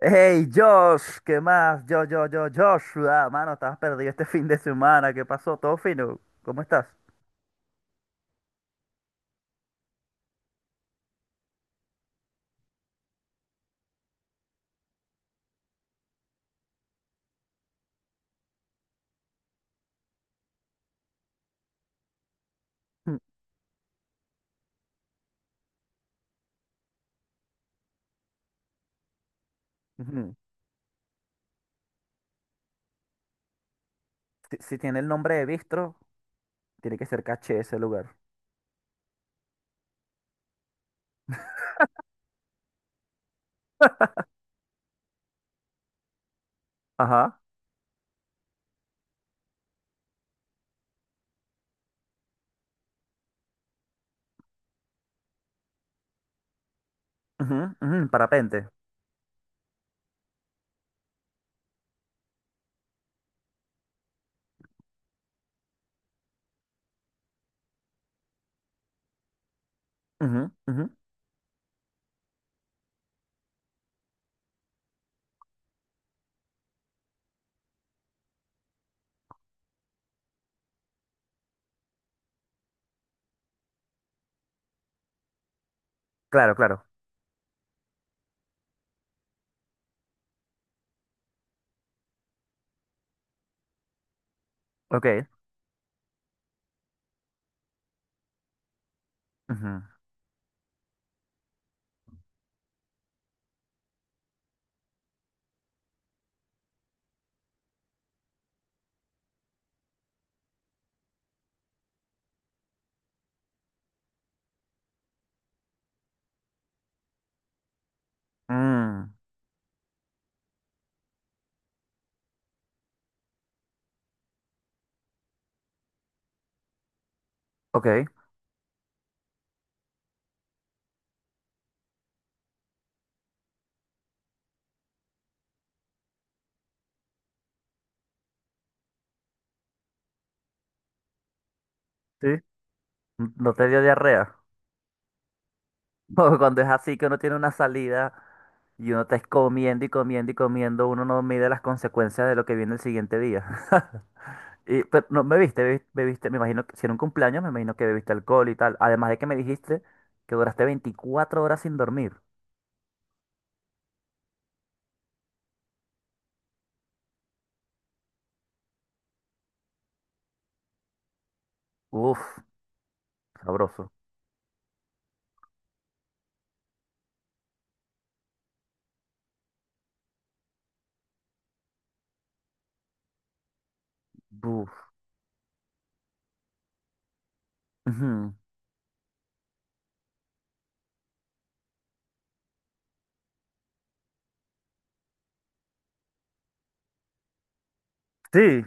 Hey Josh, ¿qué más? Yo, Joshua, mano, estabas perdido este fin de semana, ¿qué pasó? ¿Todo fino? ¿Cómo estás? Mm, ujú. Si tiene el nombre de Bistro, tiene que ser caché ese lugar. Ajá. Ujú. Parapente. Ujú. Claro, claro. Ok. ujú. Mm, ok. Sí. No te dio diarrea. O cuando es así que uno tiene una salida y uno está comiendo y comiendo y comiendo, uno no mide las consecuencias de lo que viene el siguiente día. Y, pero no me viste, bebiste, me imagino que si era un cumpleaños, me imagino que bebiste alcohol y tal. Además de que me dijiste que duraste 24 horas sin dormir. Uf, sabroso. Uf. Ujú. Sí,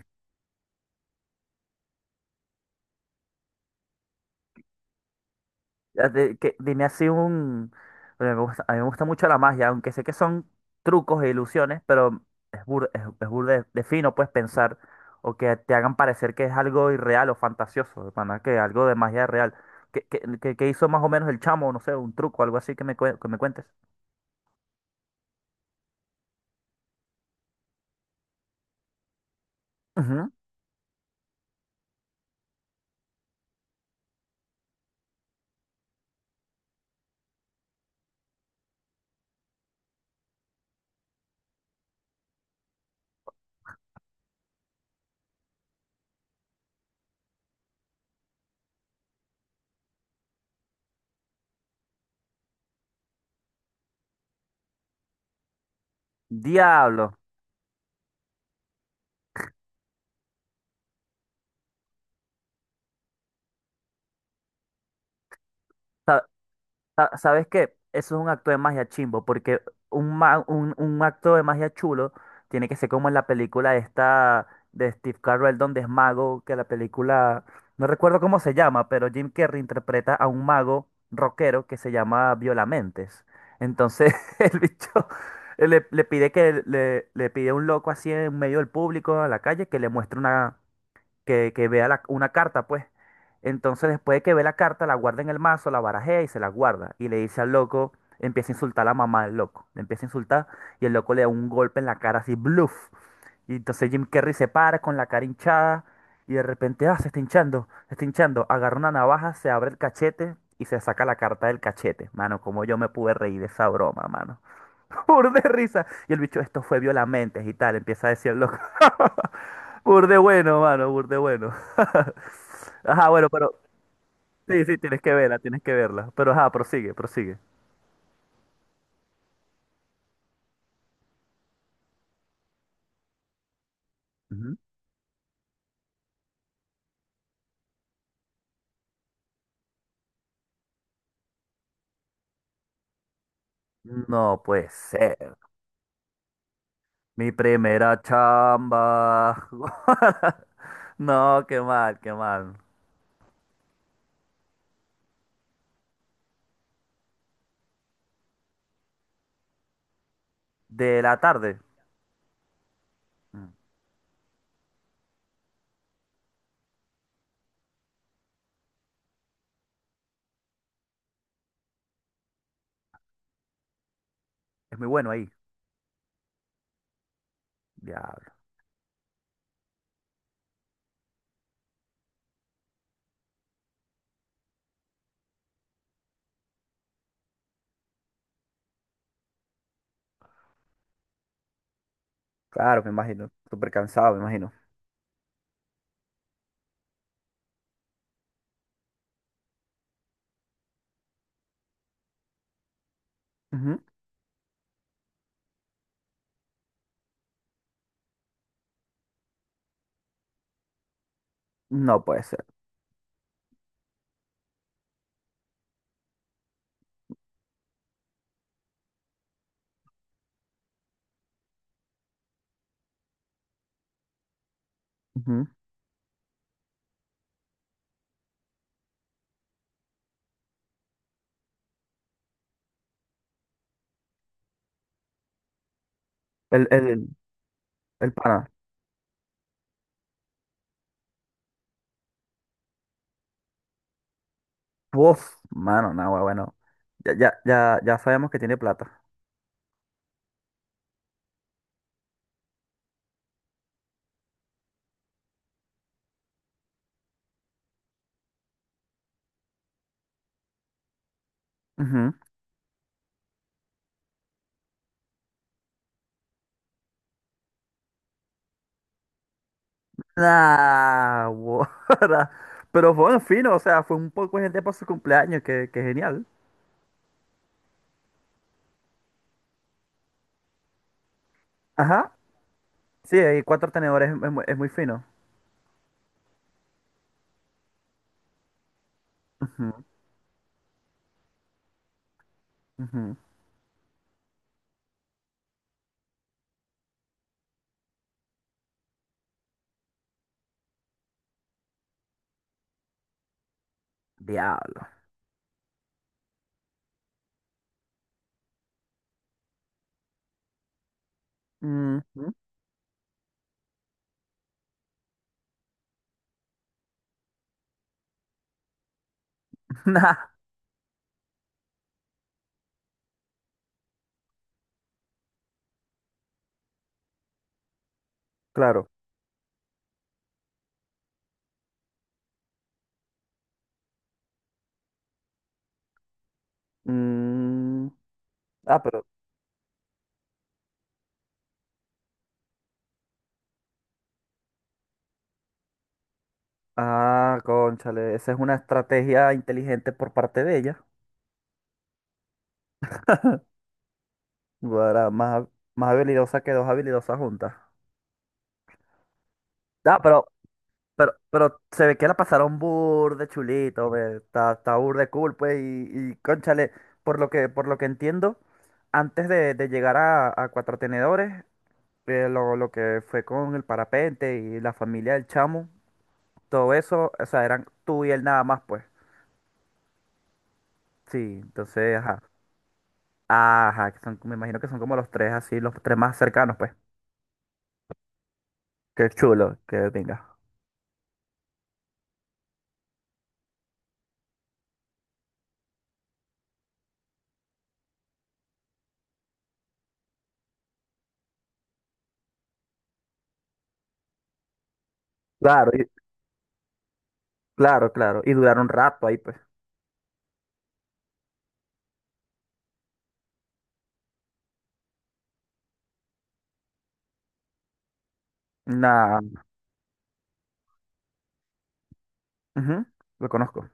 dime así un... Bueno, a mí me gusta mucho la magia, aunque sé que son trucos e ilusiones, pero es burda de fino, puedes pensar o que te hagan parecer que es algo irreal o fantasioso, de pana, que algo de magia real. ¿ Qué hizo más o menos el chamo? No sé, un truco, algo así que que me cuentes. Diablo, sa- ¿sabes qué? Eso es un acto de magia chimbo, porque un acto de magia chulo tiene que ser como en la película esta de Steve Carell, donde es mago, que la película, no recuerdo cómo se llama, pero Jim Carrey interpreta a un mago rockero que se llama Violamentes. Entonces el bicho le pide que le pide a un loco así en medio del público, a la calle, que le muestre una, que vea una carta, pues. Entonces, después de que ve la carta, la guarda en el mazo, la barajea y se la guarda. Y le dice al loco, empieza a insultar a la mamá del loco. Le empieza a insultar y el loco le da un golpe en la cara así, bluff. Y entonces Jim Carrey se para con la cara hinchada y de repente, ah, se está hinchando, se está hinchando. Agarra una navaja, se abre el cachete y se saca la carta del cachete. Mano, como yo me pude reír de esa broma, mano. Pur de risa. Y el bicho, esto fue violamente y tal, empieza a decir el loco. Pur de bueno, mano, pur de bueno. Ajá, bueno, pero sí, tienes que verla, tienes que verla. Pero ajá, prosigue, prosigue. Ujú. No puede ser. Mi primera chamba. No, qué mal, qué mal. De la tarde. Mm, es muy bueno ahí. Diablo. Claro, me imagino. Súper cansado, me imagino. Ujú. No puede ser. Ujú. El, el, el pana. Uf, mano, no, bueno, bueno. Ya sabemos que tiene plata. Ujú. Ah, guara. Pero fue un fino, o sea, fue un poco de gente para su cumpleaños, que genial. Ajá. Sí, hay cuatro tenedores, es muy fino. Ujú, ujú. Diablo. Ujú. Nah, claro. Mm, ah, pero. Ah, cónchale, esa es una estrategia inteligente por parte de ella. Guara, más, más habilidosa que dos habilidosas juntas. Ah, pero, pero se ve que la pasaron burde chulito, ve. Está, está bur cool, pues, y cónchale, por lo que entiendo, antes de llegar a Cuatro Tenedores, lo que fue con el parapente y la familia del chamo, todo eso, o sea, eran tú y él nada más, pues. Sí, entonces, ajá. Ajá, que son, me imagino que son como los tres así, los tres más cercanos, pues. Qué chulo, que venga. Claro, y- claro, claro. Y duraron un rato ahí, pues. Nada. Lo conozco.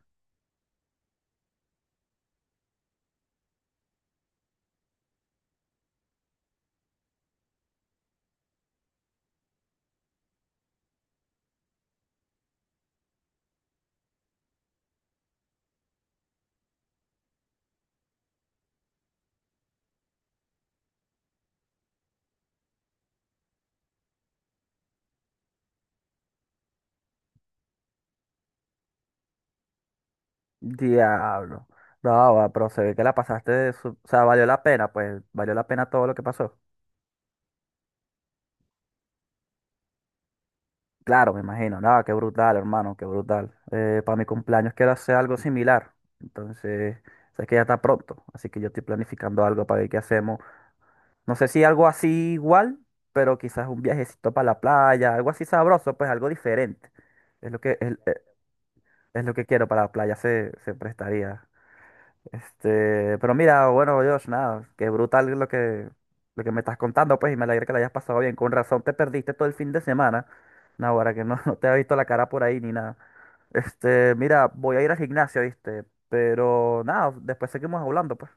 Diablo. No, va, pero se ve que la pasaste o sea, valió la pena, pues, valió la pena todo lo que pasó. Claro, me imagino. No, qué brutal, hermano, qué brutal. Para mi cumpleaños quiero hacer algo similar. Entonces, sé que ya está pronto, así que yo estoy planificando algo para ver qué hacemos. No sé si algo así igual, pero quizás un viajecito para la playa, algo así sabroso, pues algo diferente. Es lo que, es, es- es lo que quiero para la playa, se prestaría. Este, pero mira, bueno, Dios, nada, qué brutal lo que me estás contando, pues, y me alegra que la hayas pasado bien. Con razón te perdiste todo el fin de semana. No, ahora que no, no te había visto la cara por ahí ni nada. Este, mira, voy a ir al gimnasio, ¿viste? Pero nada, después seguimos hablando, pues.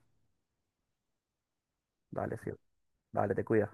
Dale, sí, dale, te cuidas.